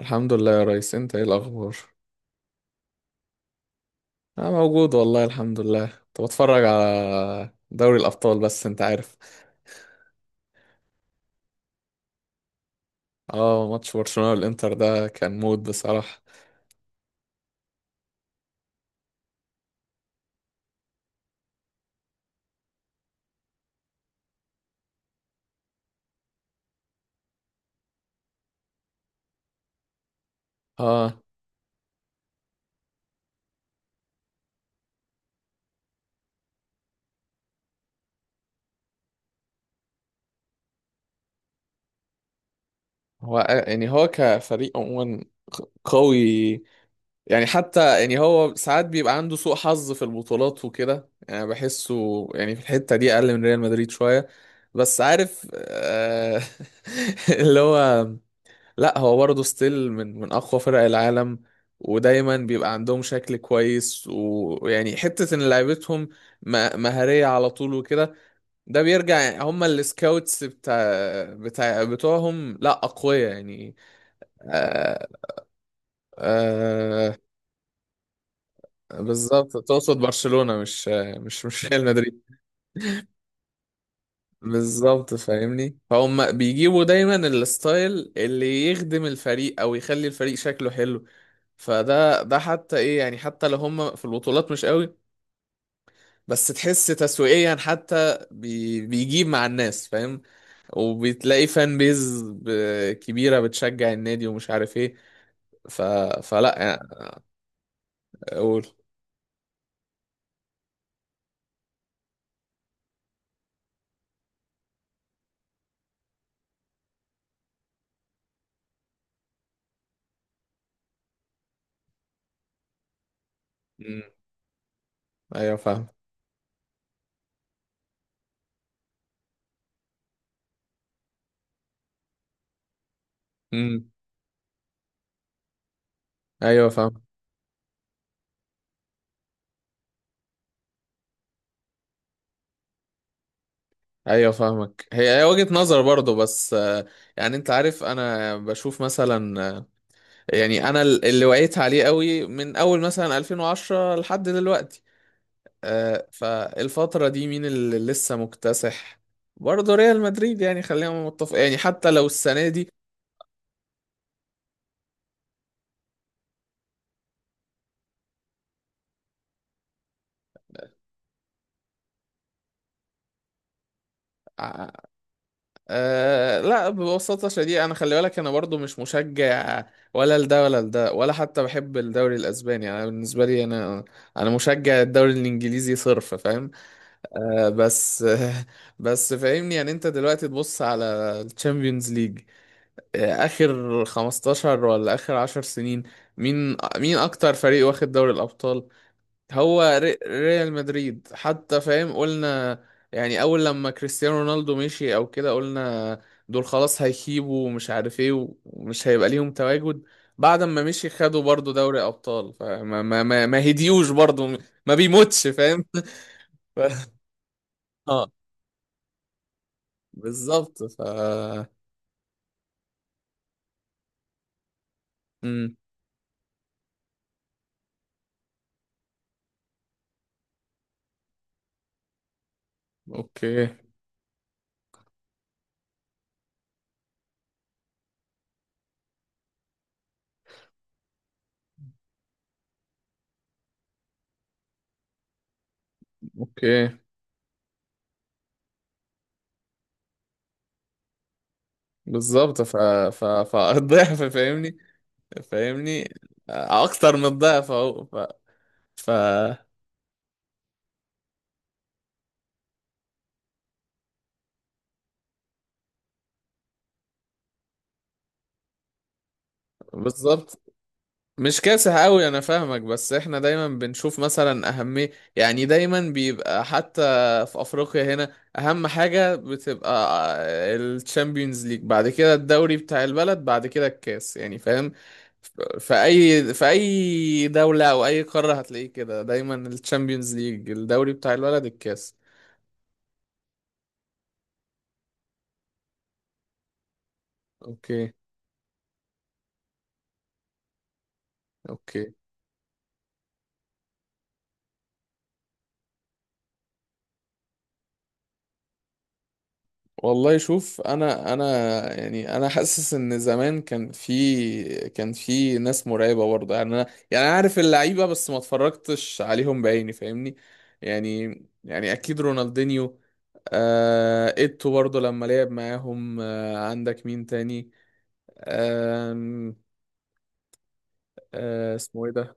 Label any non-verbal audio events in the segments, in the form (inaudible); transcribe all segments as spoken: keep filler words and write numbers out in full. الحمد لله يا ريس، انت ايه الاخبار؟ انا موجود والله، الحمد لله. كنت بتفرج على دوري الابطال، بس انت عارف. اه، ماتش برشلونة والانتر ده كان مود بصراحة. اه. هو يعني هو كفريق عموما قوي. يعني حتى يعني هو ساعات بيبقى عنده سوء حظ في البطولات وكده، يعني بحسه يعني في الحتة دي اقل من ريال مدريد شوية. بس عارف آه (laughs) اللي هو، لا هو برضه ستيل، من من اقوى فرق العالم. ودايما بيبقى عندهم شكل كويس و- ويعني حتة ان لعيبتهم م- مهارية على طول وكده. ده بيرجع يعني، هم السكاوتس بتاع بتاع بتوعهم لا اقوياء يعني. آه آه بالظبط، تقصد برشلونة مش مش مش ريال مدريد. بالظبط، فاهمني فهم. بيجيبوا دايما الستايل اللي يخدم الفريق او يخلي الفريق شكله حلو. فده ده حتى ايه، يعني حتى لو هم في البطولات مش قوي، بس تحس تسويقيا حتى بي بيجيب مع الناس، فاهم؟ وبتلاقي فان بيز ب- كبيرة بتشجع النادي ومش عارف ايه. ف فلا يعني. اقول. مم. ايوه، فاهم. مم. ايوه، فاهم. ايوه، فاهمك. هي هي وجهة نظر برضو، بس آه، يعني انت عارف انا بشوف مثلا. يعني انا ال- اللي وعيت عليه قوي من اول مثلا ألفين وعشرة لحد دلوقتي. آه، فالفترة دي مين اللي لسه مكتسح؟ برضه ريال مدريد، يعني خلينا متفق، يعني حتى لو السنة دي. آه آه، لا، ببساطة شديدة، انا خلي بالك انا برضه مش مشجع ولا لده ولا لده ولا حتى بحب الدوري الاسباني. انا بالنسبة لي، انا انا مشجع الدوري الانجليزي صرف، فاهم؟ آه بس (laughs) بس فاهمني. يعني انت دلوقتي تبص على الشامبيونز ليج اخر خمستاشر ولا اخر 10 سنين، مين مين اكتر فريق واخد دوري الابطال؟ هو ري- ريال مدريد، حتى فاهم قلنا يعني اول لما كريستيانو رونالدو مشي او كده قلنا دول خلاص هيخيبوا ومش عارف ايه ومش هيبقى ليهم تواجد. بعد ما مشي خدوا برضو دوري ابطال، فما ما ما, ما هديوش برضو. ما بيموتش، فاهم؟ (laughs) ف... اه، بالظبط. ف امم. اوكي. اوكي. بالظبط. ف ف فالضعف، فاهمني؟ فاهمني، اكتر من الضعف اهو. ف ف بالظبط، مش كاسح قوي، انا فاهمك. بس احنا دايما بنشوف مثلا اهميه. يعني دايما بيبقى، حتى في افريقيا هنا، اهم حاجه بتبقى الشامبيونز ليج، بعد كده الدوري بتاع البلد، بعد كده الكاس، يعني فاهم. ف- في اي في اي دوله او اي قاره هتلاقيه كده، دايما الشامبيونز ليج، الدوري بتاع البلد، الكاس. اوكي. اوكي. والله شوف، انا انا يعني انا حاسس ان زمان كان في، كان في ناس مرعبه برضه، يعني انا، يعني انا عارف اللعيبه بس ما اتفرجتش عليهم بعيني، فاهمني. يعني يعني اكيد رونالدينيو، آه ايتو برضه لما لعب معاهم. آه عندك مين تاني؟ آه آه اسمه ايه ده؟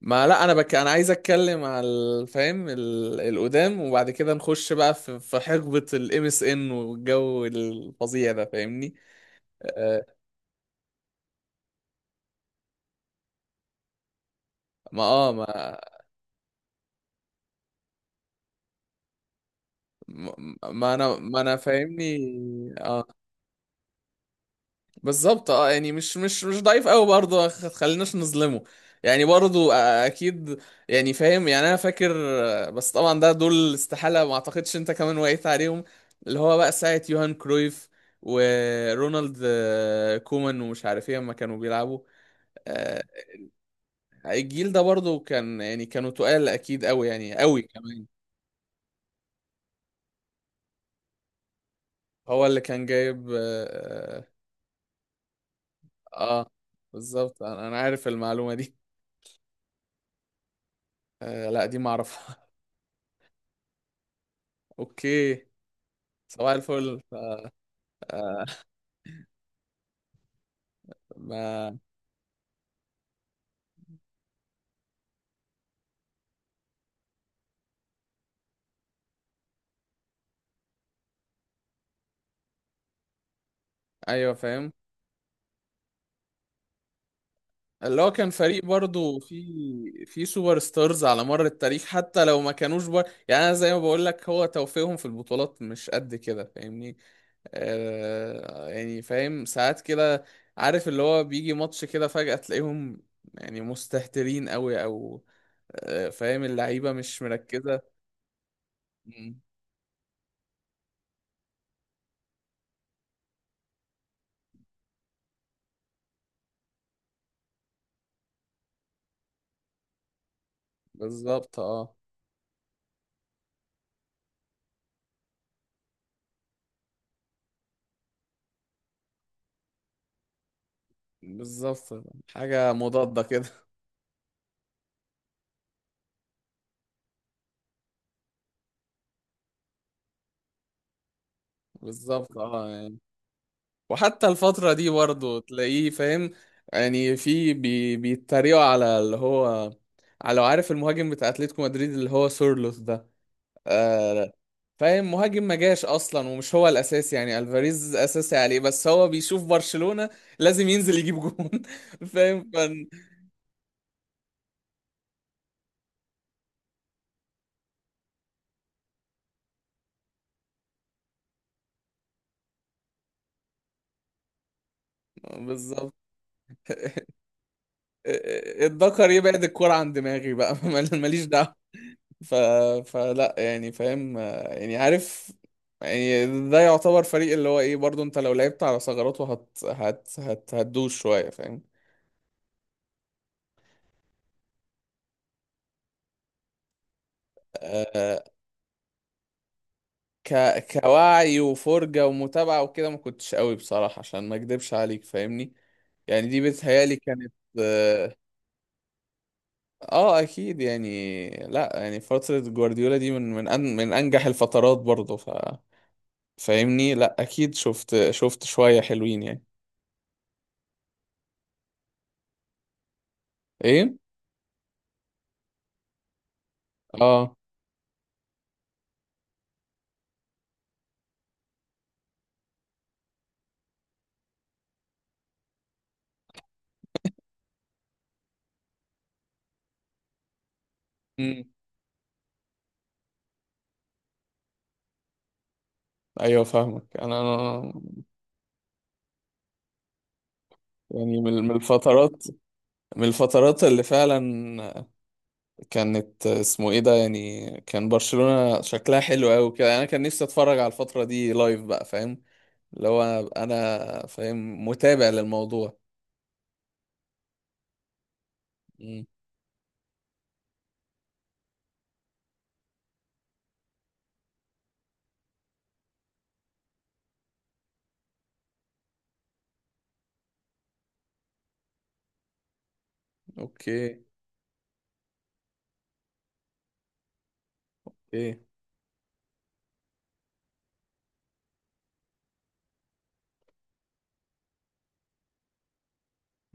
ما لا، انا بك انا عايز اتكلم على الفهم ال- القدام، وبعد كده نخش بقى في في حقبة الام اس ان والجو الفظيع ده، فاهمني؟ آه، ما اه ما ما ما انا ما انا فاهمني. اه، بالظبط، اه، يعني مش مش مش ضعيف قوي برضه، خ- خليناش نظلمه. يعني برضه آه، اكيد، يعني فاهم، يعني انا فاكر. آه، بس طبعا ده دول استحالة، ما اعتقدش انت كمان وقيت عليهم، اللي هو بقى ساعة يوهان كرويف ورونالد آه، كومان ومش عارف ايه لما كانوا بيلعبوا. آه، الجيل ده برضه كان، يعني كانوا تقال اكيد قوي، يعني قوي كمان. هو اللي كان جايب اه, آه، بالظبط. انا أنا عارف المعلومة دي. آه لا، دي ما اعرفها. (laughs) اوكي. صباح الفل. ف- آه، ما ايوه، فاهم. اللي هو كان فريق برضو في في سوبر ستارز على مر التاريخ، حتى لو ما كانوش بر... يعني انا زي ما بقول لك، هو توفيقهم في البطولات مش قد كده، فاهمني. آه يعني فاهم، ساعات كده، عارف اللي هو بيجي ماتش كده فجأة تلاقيهم يعني مستهترين قوي، او آه فاهم اللعيبة مش مركزة. مم. بالظبط، اه. بالظبط، حاجة مضادة كده (laughs) بالظبط، اه، يعني وحتى الفترة دي برضه تلاقيه، فاهم؟ يعني في بي بيتريقوا على اللي هو، على لو عارف المهاجم بتاع اتلتيكو مدريد اللي هو سورلوث ده. آه فاهم؟ مهاجم ما جاش اصلا ومش هو الاساسي، يعني الفاريز اساسي عليه، بس هو بيشوف برشلونة لازم ينزل يجيب جون (laughs) فاهم فن- بالظبط. الدكر يبعد الكرة عن دماغي بقى (laughs) ماليش دعوة. ف... فلا يعني فاهم، آه، يعني عارف، يعني ده يعتبر فريق اللي هو ايه برضو. انت لو لعبت على ثغراته هت... هت... هت... هتدوش شوية، فاهم؟ آه، ك... كوعي وفرجة ومتابعة وكده، ما كنتش قوي بصراحة عشان ما اكدبش عليك، فاهمني. يعني دي بتهيالي كانت، اه، آه، اكيد. يعني لا، يعني فترة جوارديولا دي، من من أن... من انجح الفترات برضو. ف... فاهمني. لا اكيد، شفت، شفت شوية حلوين يعني. ايه. اه، ايوه، فاهمك انا. أنا- يعني من من الفترات، من الفترات اللي فعلا كانت، اسمه ايه ده، يعني كان برشلونة شكلها حلو قوي كده. انا كان نفسي اتفرج على الفترة دي لايف بقى، فاهم؟ اللي هو أبقى انا فاهم، متابع للموضوع. امم. اوكي. اوكي.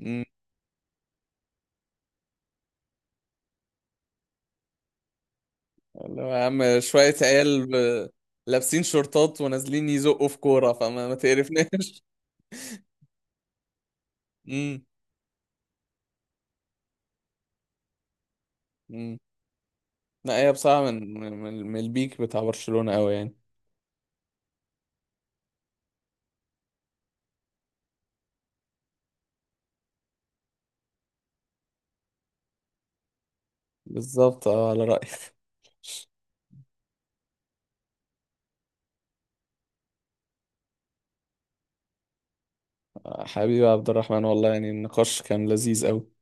امم. اللي هو يا عم شوية عيال ب- لابسين شورتات ونازلين يزقوا في كورة، فما ما تقرفناش (laughs) امم. امم. لا، هي بصراحة، من من من البيك بتاع برشلونة قوي يعني. بالظبط، اه، على رأيك. آه، حبيبي يا عبد الرحمن، والله يعني النقاش كان لذيذ أوي.